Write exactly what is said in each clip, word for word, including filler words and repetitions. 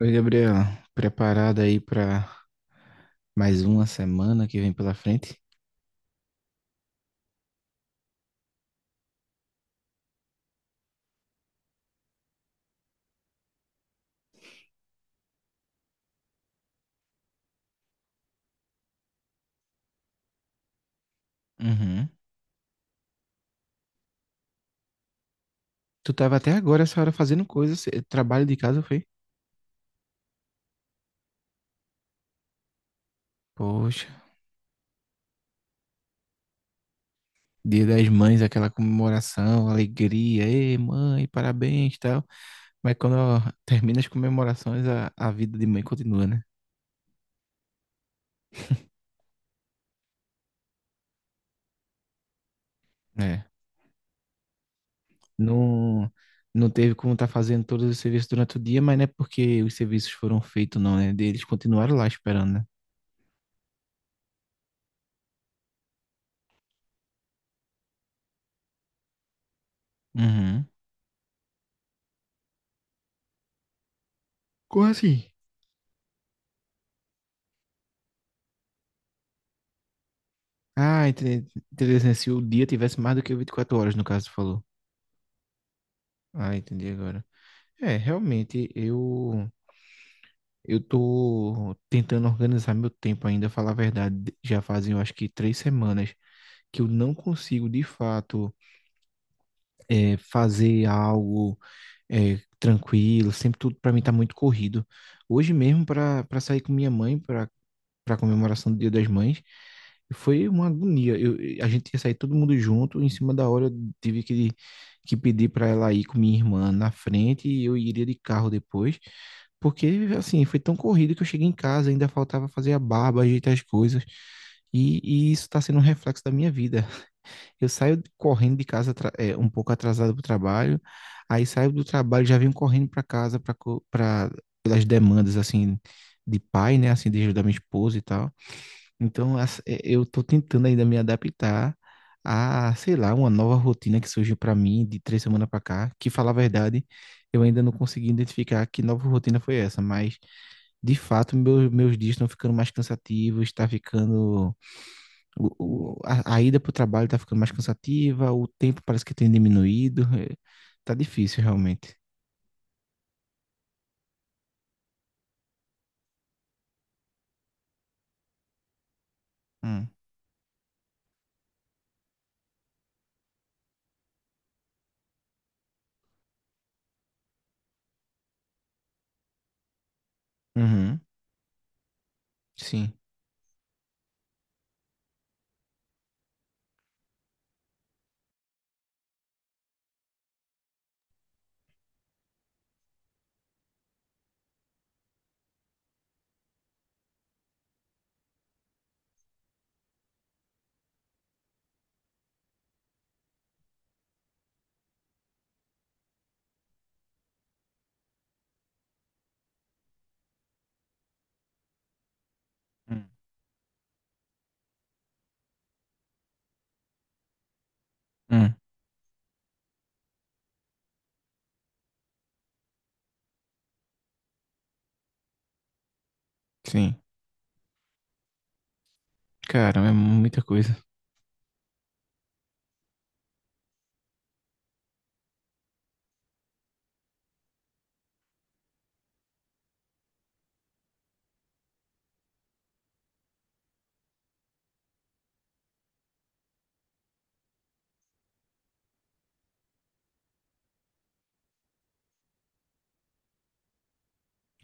Oi, Gabriel. Preparado aí pra mais uma semana que vem pela frente? Uhum. Tu tava até agora essa hora fazendo coisa, cê- trabalho de casa, foi? Poxa, Dia das Mães, aquela comemoração, alegria, ei, mãe, parabéns, e tal. Mas quando termina as comemorações, a, a vida de mãe continua, né? É. Não, não teve como estar fazendo todos os serviços durante o dia, mas não é porque os serviços foram feitos, não, né? Eles continuaram lá esperando, né? Uhum. Como assim? Ah, entendi. Interessante. Se o dia tivesse mais do que vinte e quatro horas, no caso, tu falou. Ah, entendi agora. É, realmente, eu eu tô tentando organizar meu tempo ainda, falar a verdade. Já fazem, eu acho que três semanas que eu não consigo, de fato, é, fazer algo é, tranquilo. Sempre tudo para mim tá muito corrido. Hoje mesmo, para para sair com minha mãe, para para comemoração do Dia das Mães. E foi uma agonia. Eu, a gente ia sair todo mundo junto, em cima da hora eu tive que, que pedir para ela ir com minha irmã na frente e eu iria de carro depois. Porque, assim, foi tão corrido que eu cheguei em casa, ainda faltava fazer a barba, ajeitar as coisas. E, e isso está sendo um reflexo da minha vida. Eu saio correndo de casa atra- é, um pouco atrasado para o trabalho, aí saio do trabalho já venho correndo para casa para pelas demandas assim de pai, né, assim de ajudar minha esposa e tal. Então, as- eh, eu estou tentando ainda me adaptar a, sei lá, uma nova rotina que surgiu para mim de três semanas para cá, que, falar a verdade, eu ainda não consegui identificar que nova rotina foi essa, mas, de fato, meu, meus dias estão ficando mais cansativos, está ficando. O- o- a, a ida para o trabalho está ficando mais cansativa, o tempo parece que tem diminuído, eh, tá difícil, realmente. Hum. Uhum. Sim. Hum. Hum. Sim. Cara, é muita coisa.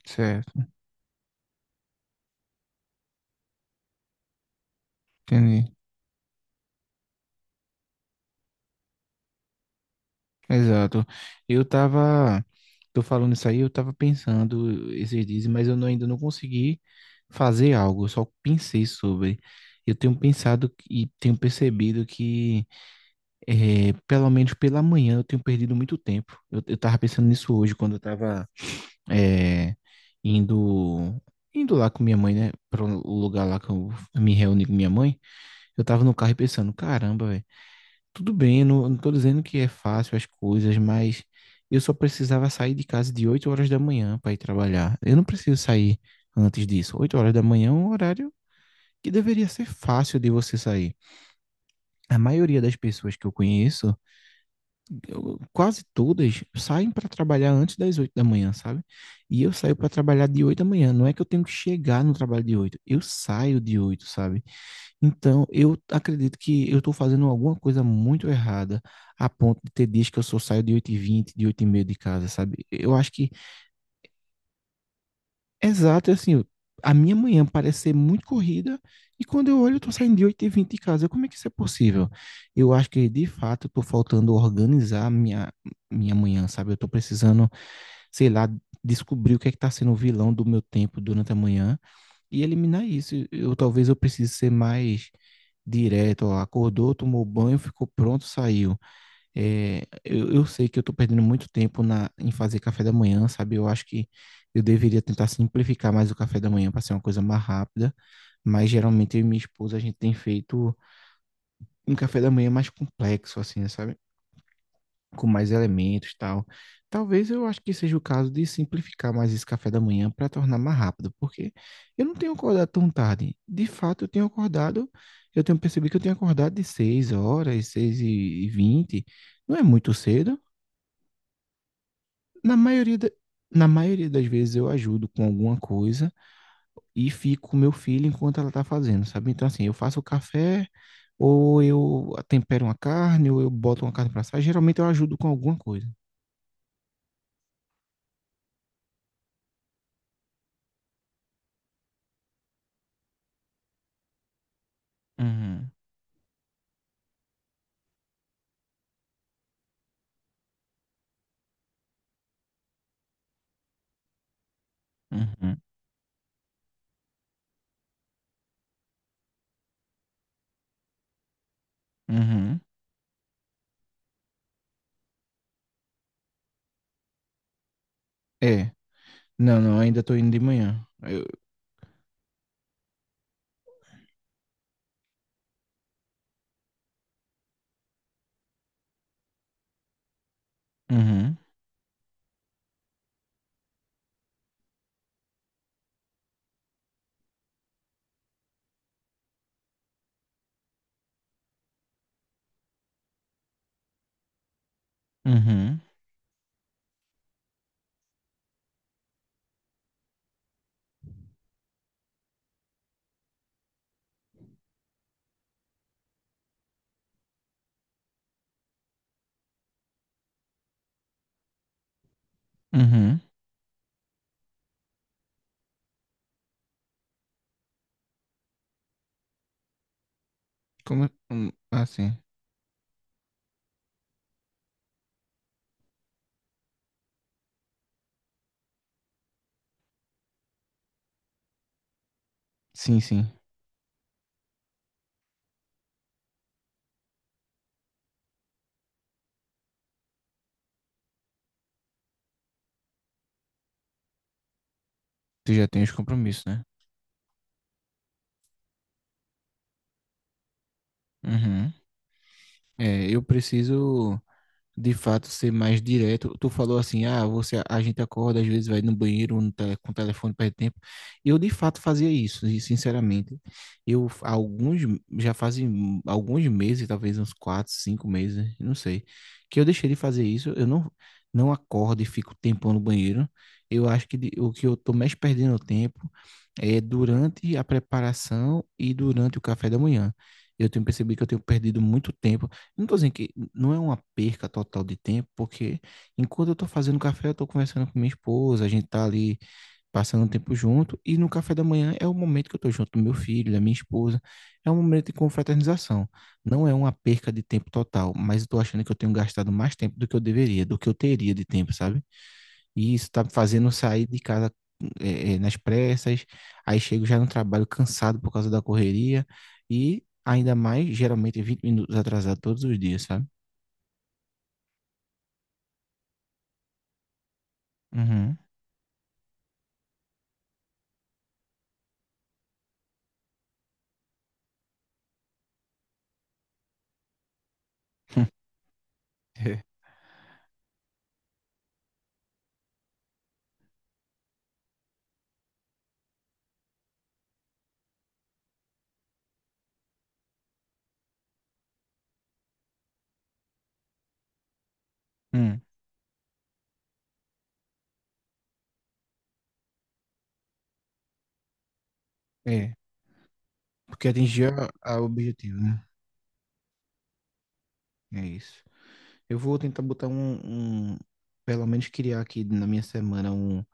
Certo. Entendi. Exato. Eu tava, tô falando isso aí, eu tava pensando esses dias, mas eu não- ainda não consegui fazer algo, eu só pensei sobre. Eu tenho pensado e tenho percebido que, eh, pelo menos pela manhã, eu tenho perdido muito tempo. Eu, eu tava pensando nisso hoje, quando eu tava, eh, indo, indo lá com minha mãe, né, para o lugar lá que eu me reúno com minha mãe, eu tava no carro e pensando, caramba, velho. Tudo bem, eu não, eu não tô dizendo que é fácil as coisas, mas eu só precisava sair de casa de oito horas da manhã para ir trabalhar. Eu não preciso sair antes disso. Oito horas da manhã é um horário que deveria ser fácil de você sair. A maioria das pessoas que eu conheço, eu- quase todas, saem para trabalhar antes das oito da manhã, sabe? E eu saio para trabalhar de oito da manhã. Não é que eu tenho que chegar no trabalho de oito, eu saio de oito, sabe? Então, eu acredito que eu estou fazendo alguma coisa muito errada, a ponto de ter dias que eu só saio de oito e vinte, de oito e trinta de casa, sabe? Eu acho que, exato, é assim, a minha manhã parece ser muito corrida, e quando eu olho, eu estou saindo de oito e vinte de casa. Como é que isso é possível? Eu acho que, de fato, eu estou faltando organizar a minha, minha manhã, sabe? Eu estou precisando, sei lá, descobrir o que é que está sendo o vilão do meu tempo durante a manhã e eliminar isso. Eu talvez eu precise ser mais direto. Ó, acordou, tomou banho, ficou pronto, saiu. É, eu, eu sei que eu estou perdendo muito tempo na, em fazer café da manhã, sabe? Eu acho que eu deveria tentar simplificar mais o café da manhã para ser uma coisa mais rápida, mas geralmente eu e minha esposa a gente tem feito um café da manhã mais complexo, assim, sabe? Com mais elementos e tal. Talvez eu acho que seja o caso de simplificar mais esse café da manhã para tornar mais rápido, porque eu não tenho acordado tão tarde. De fato, eu tenho acordado, eu tenho percebido que eu tenho acordado de seis horas, seis e vinte. Não é muito cedo. Na maioria, da- na maioria das vezes eu ajudo com alguma coisa e fico com meu filho enquanto ela tá fazendo, sabe? Então, assim, eu faço o café, ou eu tempero uma carne, ou eu boto uma carne para assar. Geralmente eu ajudo com alguma coisa. Uhum, uhum. Uhum. É. Não, não, ainda estou indo de manhã. Eu. Uhum. Uhum. Uhum. Como... hum, ah, sim. Sim, sim. Tu já tem os compromissos, né? Uhum. É, eu preciso de fato ser mais direto. Tu falou assim, ah, você, a gente acorda, às vezes vai no banheiro no tele, com o telefone perde tempo. Eu de fato fazia isso, e sinceramente. Eu alguns, já fazem alguns meses, talvez uns quatro, cinco meses, não sei, que eu deixei de fazer isso. Eu não, não acordo e fico tempo no banheiro. Eu acho que de- o que eu tô mais perdendo tempo é durante a preparação e durante o café da manhã. Eu tenho percebido que eu tenho perdido muito tempo, não tô dizendo que não é uma perca total de tempo, porque enquanto eu tô fazendo café, eu tô conversando com minha esposa, a gente tá ali passando um tempo junto, e no café da manhã é o momento que eu tô junto do meu filho, da minha esposa, é um momento de confraternização. Não é uma perca de tempo total, mas eu tô achando que eu tenho gastado mais tempo do que eu deveria, do que eu teria de tempo, sabe? E isso tá me fazendo sair de casa eh, eh, nas pressas, aí chego já no trabalho cansado por causa da correria, e ainda mais, geralmente vinte minutos atrasado todos os dias, sabe? Uhum. Hum, é, porque atingir a a objetivo, né? É isso. Eu vou tentar botar um, um- pelo menos criar aqui na minha semana um,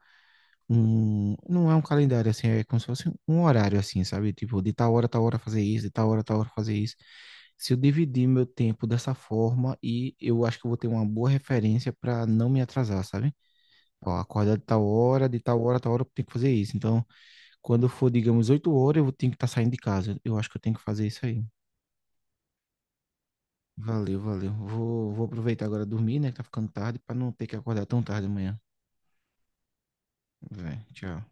um, não é um calendário assim, é como se fosse um horário assim, sabe? Tipo, de tal hora, tal hora fazer isso, de tal hora, tal hora fazer isso. Se eu dividir meu tempo dessa forma e eu acho que eu vou ter uma boa referência para não me atrasar, sabe? Ó, acordar de tal hora, de tal hora, tal hora eu tenho que fazer isso. Então, quando for, digamos, oito horas, eu vou- tenho que estar saindo de casa. Eu acho que eu tenho que fazer isso aí. Valeu, valeu. Vou, vou aproveitar agora dormir, né? Que tá ficando tarde, para não ter que acordar tão tarde amanhã. Vai, tchau.